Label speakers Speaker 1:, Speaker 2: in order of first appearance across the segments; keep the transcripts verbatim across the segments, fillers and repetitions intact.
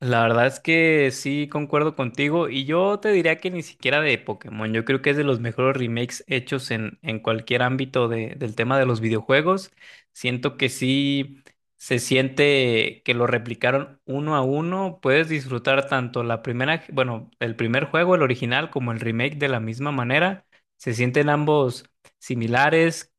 Speaker 1: La verdad es que sí concuerdo contigo, y yo te diría que ni siquiera de Pokémon. Yo creo que es de los mejores remakes hechos en, en cualquier ámbito de- del tema de los videojuegos. Siento que sí se siente que lo replicaron uno a uno. Puedes disfrutar tanto la primera, bueno, el primer juego, el original, como el remake de la misma manera. Se sienten ambos similares,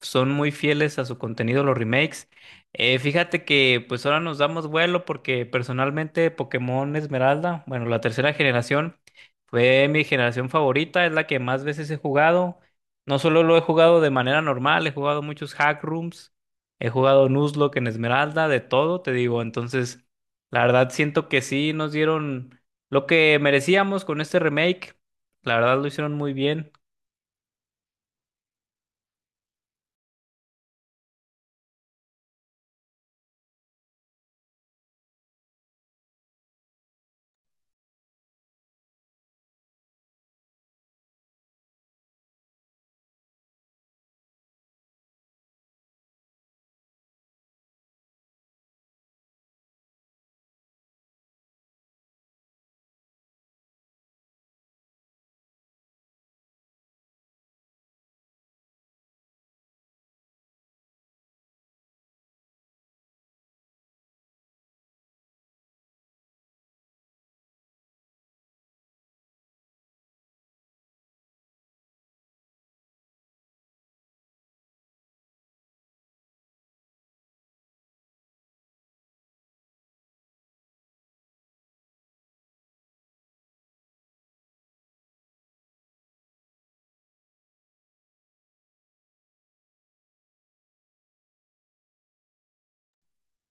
Speaker 1: son muy fieles a su contenido los remakes. Eh, fíjate que pues ahora nos damos vuelo porque personalmente Pokémon Esmeralda, bueno, la tercera generación, fue mi generación favorita, es la que más veces he jugado. No solo lo he jugado de manera normal, he jugado muchos hack rooms, he jugado Nuzlocke en Esmeralda, de todo, te digo. Entonces, la verdad siento que sí nos dieron lo que merecíamos con este remake. La verdad lo hicieron muy bien.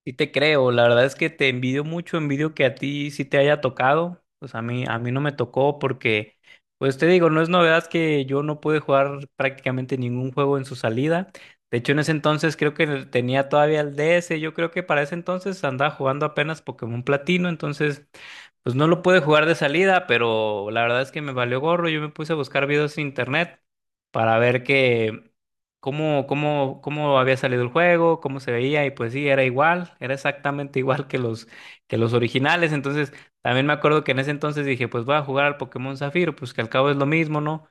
Speaker 1: Sí te creo, la verdad es que te envidio mucho, envidio que a ti sí te haya tocado. Pues a mí, a mí no me tocó porque, pues te digo, no es novedad que yo no pude jugar prácticamente ningún juego en su salida. De hecho, en ese entonces creo que tenía todavía el D S. Yo creo que para ese entonces andaba jugando apenas Pokémon Platino, entonces pues no lo pude jugar de salida, pero la verdad es que me valió gorro. Yo me puse a buscar videos en internet para ver que cómo, cómo, cómo había salido el juego, cómo se veía, y pues sí, era igual, era exactamente igual que los, que los originales. Entonces, también me acuerdo que en ese entonces dije, pues voy a jugar al Pokémon Zafiro, pues que al cabo es lo mismo, ¿no?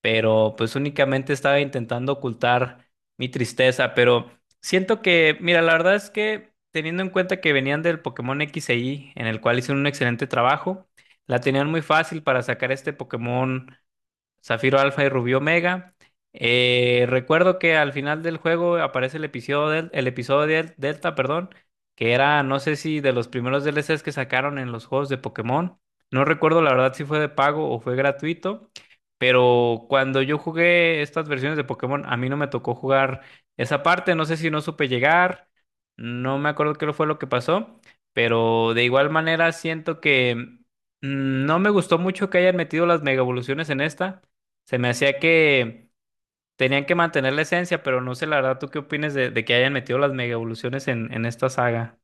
Speaker 1: Pero pues únicamente estaba intentando ocultar mi tristeza. Pero siento que, mira, la verdad es que teniendo en cuenta que venían del Pokémon X e Y, en el cual hicieron un excelente trabajo, la tenían muy fácil para sacar este Pokémon. Zafiro Alfa y Rubí Omega. Eh, recuerdo que al final del juego aparece el episodio, del, el episodio del- Delta, perdón, que era, no sé si de los primeros D L Cs que sacaron en los juegos de Pokémon. No recuerdo la verdad si fue de pago o fue gratuito, pero cuando yo jugué estas versiones de Pokémon, a mí no me tocó jugar esa parte. No sé si no supe llegar, no me acuerdo qué fue lo que pasó, pero de igual manera siento que mm, no me gustó mucho que hayan metido las mega evoluciones en esta. Se me hacía que tenían que mantener la esencia, pero no sé la verdad. ¿Tú qué opinas de, de que hayan metido las mega evoluciones en, en esta saga?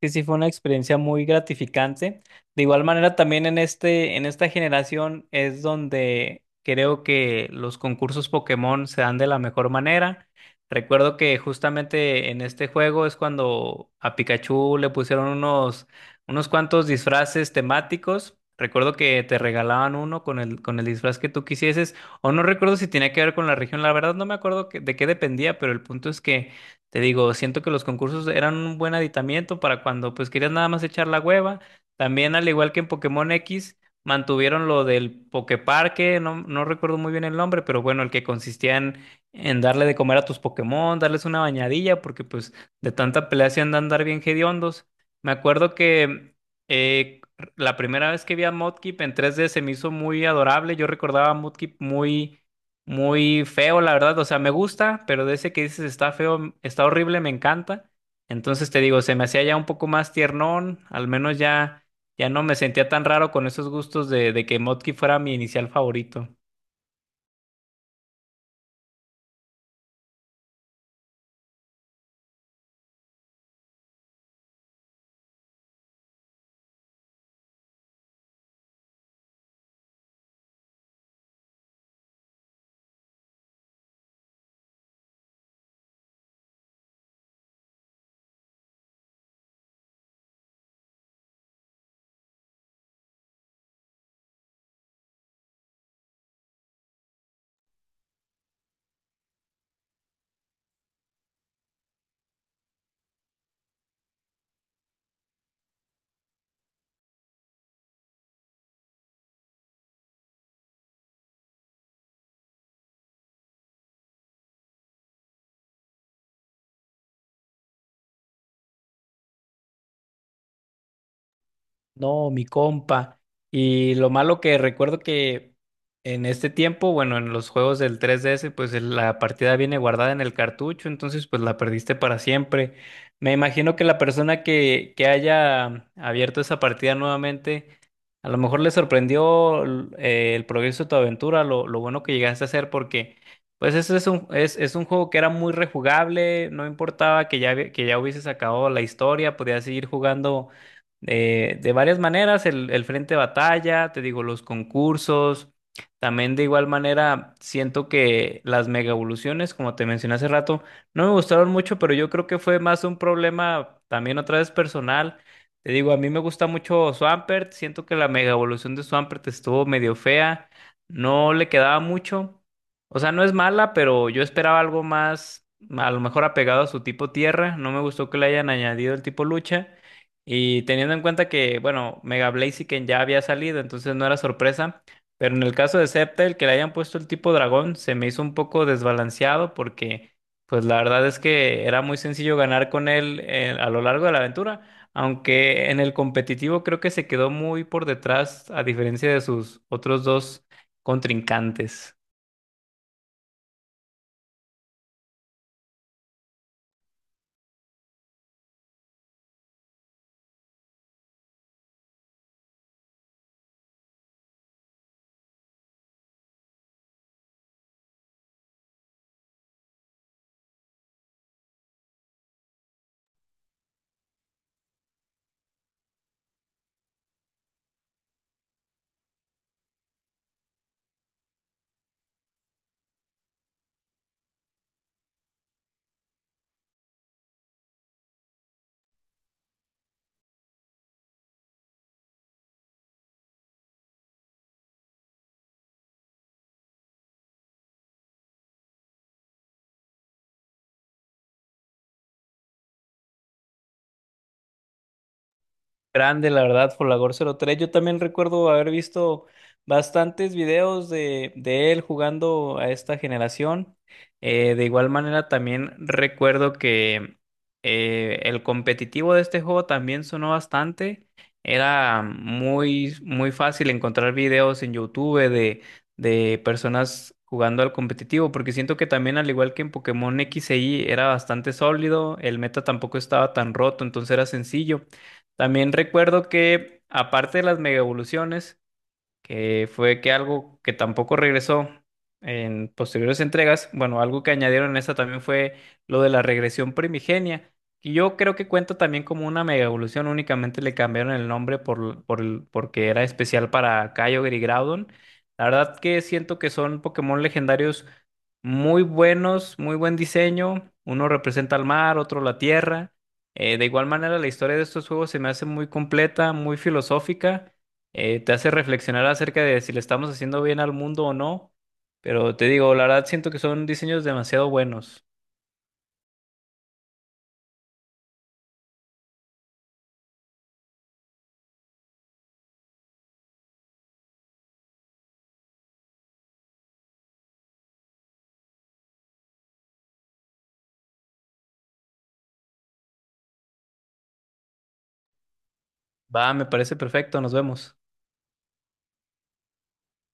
Speaker 1: Sí, sí, fue una experiencia muy gratificante. De igual manera, también en este, en esta generación es donde creo que los concursos Pokémon se dan de la mejor manera. Recuerdo que justamente en este juego es cuando a Pikachu le pusieron unos, unos cuantos disfraces temáticos. Recuerdo que te regalaban uno con el, con el disfraz que tú quisieses, o no recuerdo si tenía que ver con la región, la verdad no me acuerdo que- de qué dependía, pero el punto es que te digo, siento que los concursos eran un buen aditamiento para cuando pues querías nada más echar la hueva. También al igual que en Pokémon X, mantuvieron lo del Poképarque. No, no recuerdo muy bien el nombre, pero bueno, el que consistía en, en darle de comer a tus Pokémon, darles una bañadilla, porque pues de tanta pelea se andan andar bien hediondos. Me acuerdo que eh, la primera vez que vi a Mudkip en tres D se me hizo muy adorable. Yo recordaba a Mudkip muy muy feo, la verdad. O sea, me gusta, pero de ese que dices está feo, está horrible, me encanta. Entonces te digo, se me hacía ya un poco más tiernón. Al menos ya, ya no me sentía tan raro con esos gustos de, de que Motki fuera mi inicial favorito. No, mi compa. Y lo malo que recuerdo que en este tiempo, bueno, en los juegos del tres D S, pues el- la partida viene guardada en el cartucho, entonces pues la perdiste para siempre. Me imagino que la persona que, que haya abierto esa partida nuevamente, a lo mejor le sorprendió l- eh, el progreso de tu aventura, lo, lo bueno que llegaste a hacer, porque pues ese es un, es, es un juego que era muy rejugable, no importaba que ya, había- que ya hubieses acabado la historia, podías seguir jugando eh, de varias maneras, el, el frente de batalla, te digo, los concursos. También de igual manera, siento que las mega evoluciones, como te mencioné hace rato, no me gustaron mucho, pero yo creo que fue más un problema también otra vez personal. Te digo, a mí me gusta mucho Swampert, siento que la mega evolución de Swampert estuvo medio fea, no le quedaba mucho. O sea, no es mala, pero yo esperaba algo más, a lo mejor apegado a su tipo tierra. No me gustó que le hayan añadido el tipo lucha. Y teniendo en cuenta que, bueno, Mega Blaziken ya había salido, entonces no era sorpresa. Pero en el caso de Sceptile, que le hayan puesto el tipo dragón, se me hizo un poco desbalanceado porque, pues la verdad es que era muy sencillo ganar con él eh, a lo largo de la aventura. Aunque en el competitivo creo que se quedó muy por detrás, a diferencia de sus otros dos contrincantes. Grande, la verdad, Folagor cero tres. Yo también recuerdo haber visto bastantes videos de, de él jugando a esta generación. Eh, de igual manera, también recuerdo que eh, el competitivo de este juego también sonó bastante. Era muy, muy fácil encontrar videos en YouTube de, de personas jugando al competitivo, porque siento que también, al igual que en Pokémon X e Y, era bastante sólido, el meta tampoco estaba tan roto, entonces era sencillo. También recuerdo que, aparte de las mega evoluciones, que fue que algo que tampoco regresó en posteriores entregas, bueno, algo que añadieron en esta también fue lo de la regresión primigenia, que yo creo que cuenta también como una mega evolución, únicamente le cambiaron el nombre por, por, el- porque era especial para Kyogre y Groudon. La verdad que siento que son Pokémon legendarios muy buenos, muy buen diseño, uno representa al mar, otro la tierra. Eh, de igual manera, la historia de estos juegos se me hace muy completa, muy filosófica. Eh, te hace reflexionar acerca de si le estamos haciendo bien al mundo o no. Pero te digo, la verdad siento que son diseños demasiado buenos. Va, me parece perfecto, nos vemos.